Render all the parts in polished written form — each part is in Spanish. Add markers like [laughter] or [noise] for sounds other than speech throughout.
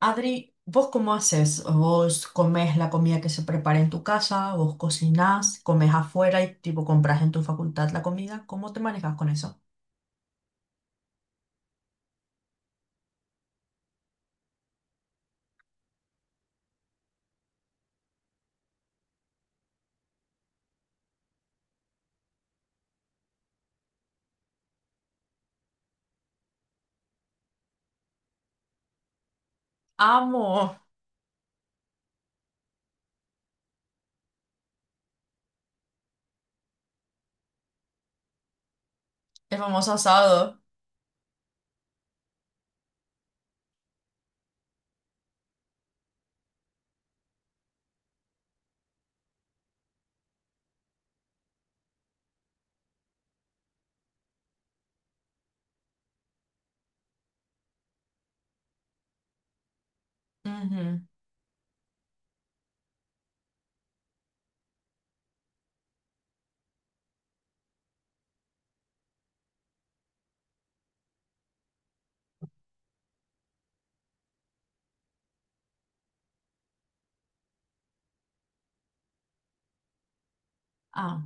Adri, ¿vos cómo haces? ¿Vos comés la comida que se prepara en tu casa? ¿Vos cocinás? ¿Comés afuera y tipo compras en tu facultad la comida? ¿Cómo te manejas con eso? Amo el famoso asado. Ujú. Ah,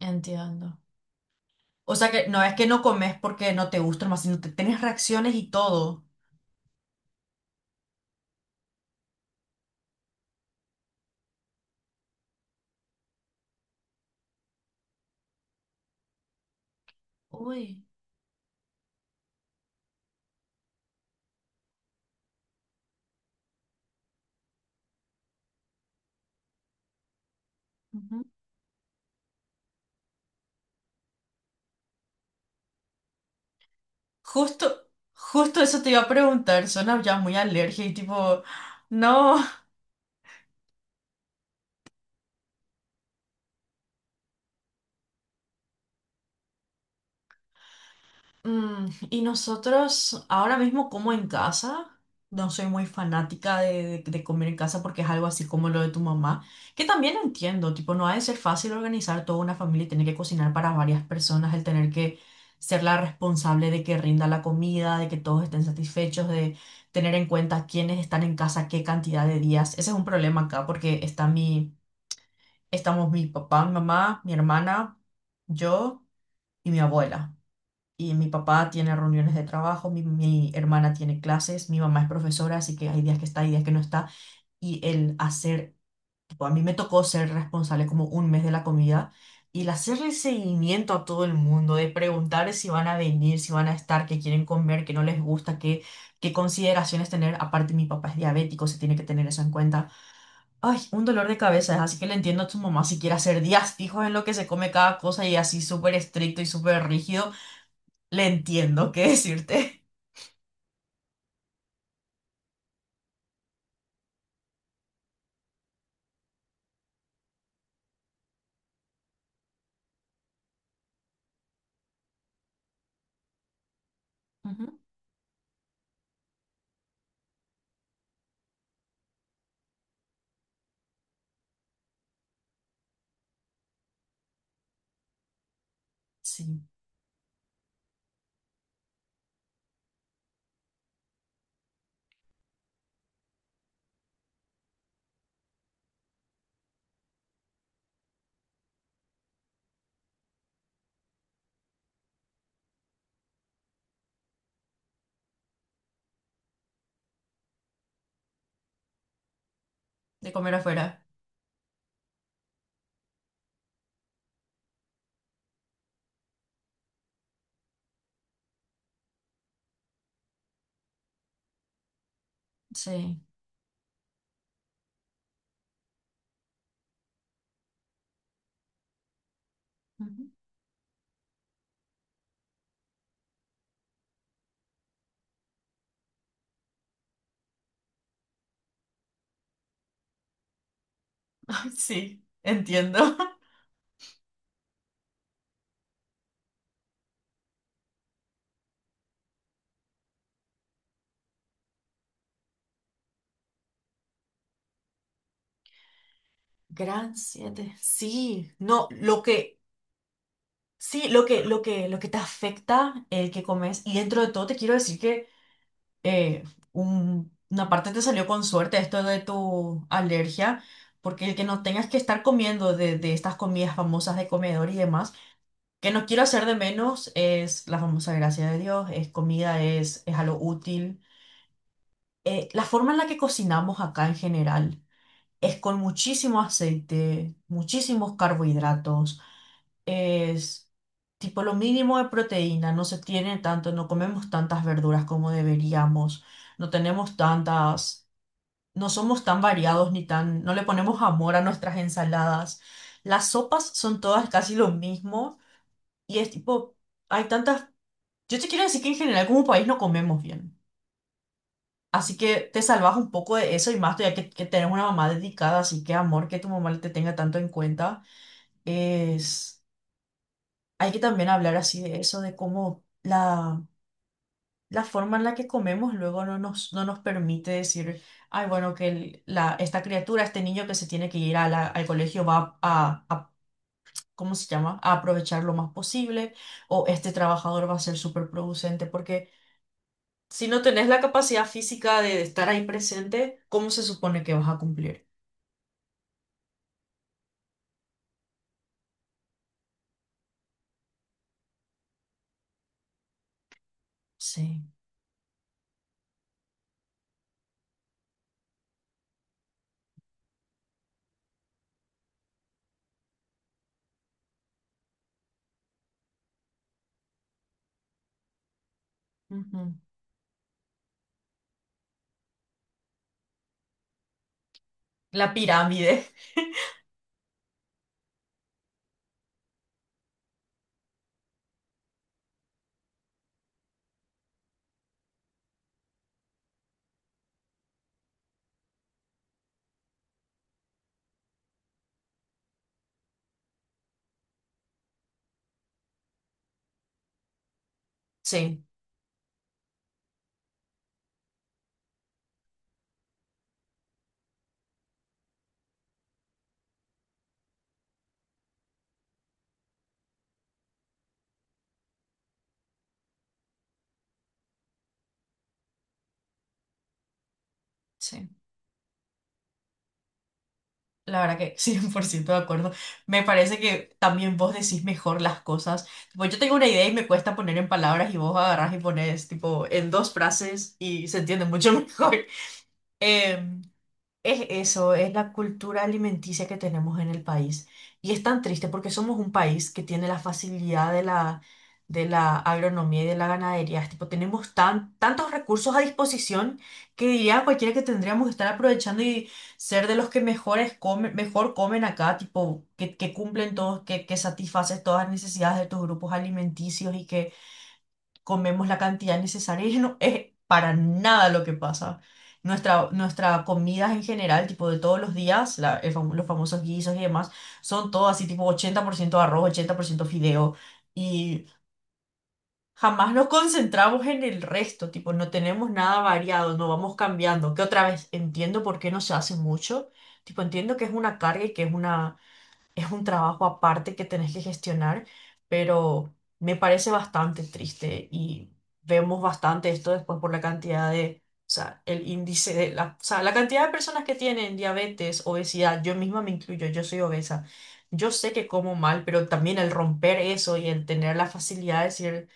entiendo. O sea que no es que no comes porque no te gusta más, sino que tenés reacciones y todo. Uy. Ujú. Justo, justo eso te iba a preguntar. Suena ya muy alergia y tipo, no. Y nosotros ahora mismo como en casa, no soy muy fanática de, de comer en casa porque es algo así como lo de tu mamá, que también entiendo, tipo, no ha de ser fácil organizar toda una familia y tener que cocinar para varias personas, el tener que ser la responsable de que rinda la comida, de que todos estén satisfechos, de tener en cuenta quiénes están en casa, qué cantidad de días. Ese es un problema acá porque está mi, estamos mi papá, mi mamá, mi hermana, yo y mi abuela. Y mi papá tiene reuniones de trabajo, mi hermana tiene clases, mi mamá es profesora, así que hay días que está, hay días que no está. Y el hacer, tipo, a mí me tocó ser responsable como un mes de la comida y el hacerle seguimiento a todo el mundo, de preguntar si van a venir, si van a estar, qué quieren comer, qué no les gusta, qué, qué consideraciones tener. Aparte, mi papá es diabético, se tiene que tener eso en cuenta. Ay, un dolor de cabeza, así que le entiendo a tu mamá si quiere hacer días fijos en lo que se come cada cosa y así súper estricto y súper rígido. Le entiendo qué decirte. Ujú. Sí, de comer afuera. Sí, Ujú. [laughs] Sí, entiendo. Gran 7. Sí, no, lo que, sí, lo que, lo que, lo que te afecta el que comes. Y dentro de todo te quiero decir que eh, una parte te salió con suerte esto de tu alergia, porque el que no tengas que estar comiendo de estas comidas famosas de comedor y demás, que no quiero hacer de menos, es la famosa gracia de Dios, es comida, es algo útil. La forma en la que cocinamos acá en general es con muchísimo aceite, muchísimos carbohidratos, es tipo lo mínimo de proteína, no se tiene tanto, no comemos tantas verduras como deberíamos, no tenemos tantas, no somos tan variados ni tan, no le ponemos amor a nuestras ensaladas. Las sopas son todas casi lo mismo y es tipo, hay tantas, yo te quiero decir que en general como país no comemos bien. Así que te salvas un poco de eso y más todavía que tenés una mamá dedicada, así que amor que tu mamá te tenga tanto en cuenta. Es, hay que también hablar así de eso, de cómo la, la forma en la que comemos luego no nos permite decir, ay, bueno, que el- la, esta criatura, este niño que se tiene que ir a la- al colegio va a, ¿cómo se llama?, a aprovechar lo más posible, o este trabajador va a ser súper producente, porque si no tenés la capacidad física de estar ahí presente, ¿cómo se supone que vas a cumplir? Sí. Ujú. La pirámide. Sí, sí. La verdad que [laughs] 100% de acuerdo. Me parece que también vos decís mejor las cosas. Tipo, yo tengo una idea y me cuesta poner en palabras y vos agarrás y pones tipo en dos frases y se entiende mucho [laughs] mejor. Em, Es eso, es la cultura alimenticia que tenemos en el país. Y es tan triste porque somos un país que tiene la facilidad de la agronomía y de la ganadería. Es tipo, tenemos tan, tantos recursos a disposición que diría cualquiera que tendríamos que estar aprovechando y ser de los que mejores comen, mejor comen acá, tipo, que cumplen todos, que satisfaces todas las necesidades de tus grupos alimenticios y comemos la cantidad necesaria y no es para nada lo que pasa. Nuestra comidas en general, tipo de todos los días, los famosos guisos y demás, son todo así tipo 80% arroz, 80% fideo y jamás nos concentramos en el resto, tipo no tenemos nada variado, no vamos cambiando, que otra vez entiendo por qué no se hace mucho, tipo entiendo que es una carga y que es un trabajo aparte que tenés que gestionar, pero me parece bastante triste y vemos bastante esto después por la cantidad de, o sea, el índice de la, o sea, la cantidad de personas que tienen diabetes, obesidad, yo misma me incluyo, yo soy obesa. Yo sé que como mal, pero también el romper eso y el tener la facilidad de decir,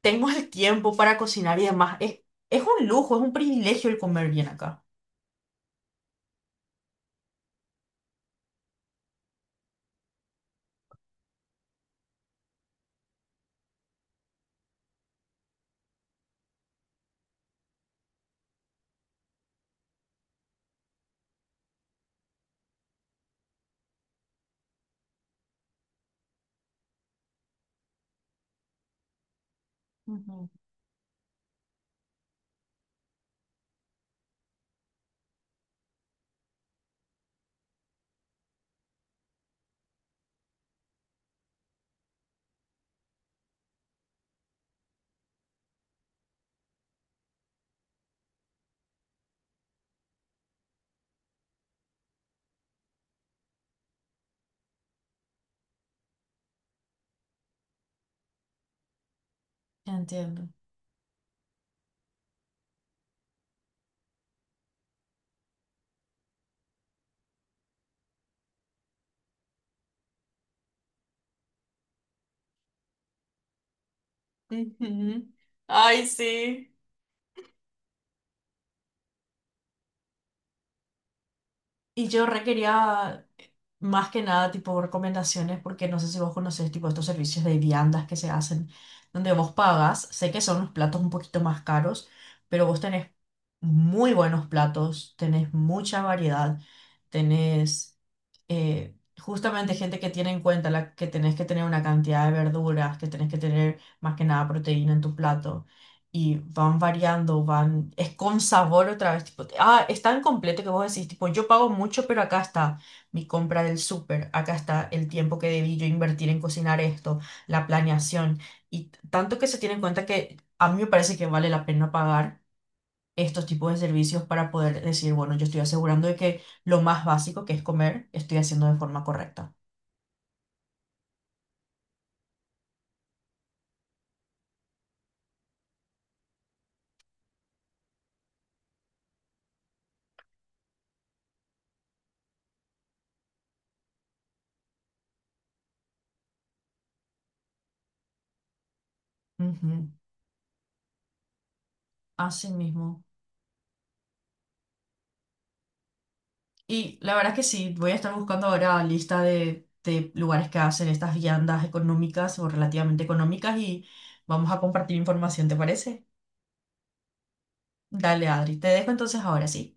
tengo el tiempo para cocinar y demás, es un lujo, es un privilegio el comer bien acá. Ujú. Entiendo. Ujú. Ay, sí. Y yo requería más que nada tipo recomendaciones porque no sé si vos conocés tipo estos servicios de viandas que se hacen donde vos pagas. Sé que son los platos un poquito más caros, pero vos tenés muy buenos platos, tenés mucha variedad, tenés eh, justamente gente que tiene en cuenta la, que tenés que tener una cantidad de verduras, que tenés que tener más que nada proteína en tu plato y van variando, van, es con sabor otra vez, tipo, ah, es tan completo que vos decís, tipo, yo pago mucho, pero acá está mi compra del súper, acá está el tiempo que debí yo invertir en cocinar esto, la planeación, y tanto que se tiene en cuenta que a mí me parece que vale la pena pagar estos tipos de servicios para poder decir, bueno, yo estoy asegurando de que lo más básico que es comer, estoy haciendo de forma correcta. Ujú. Así mismo. Y la verdad es que sí, voy a estar buscando ahora lista de lugares que hacen estas viandas económicas o relativamente económicas y vamos a compartir información, ¿te parece? Dale, Adri, te dejo entonces ahora sí.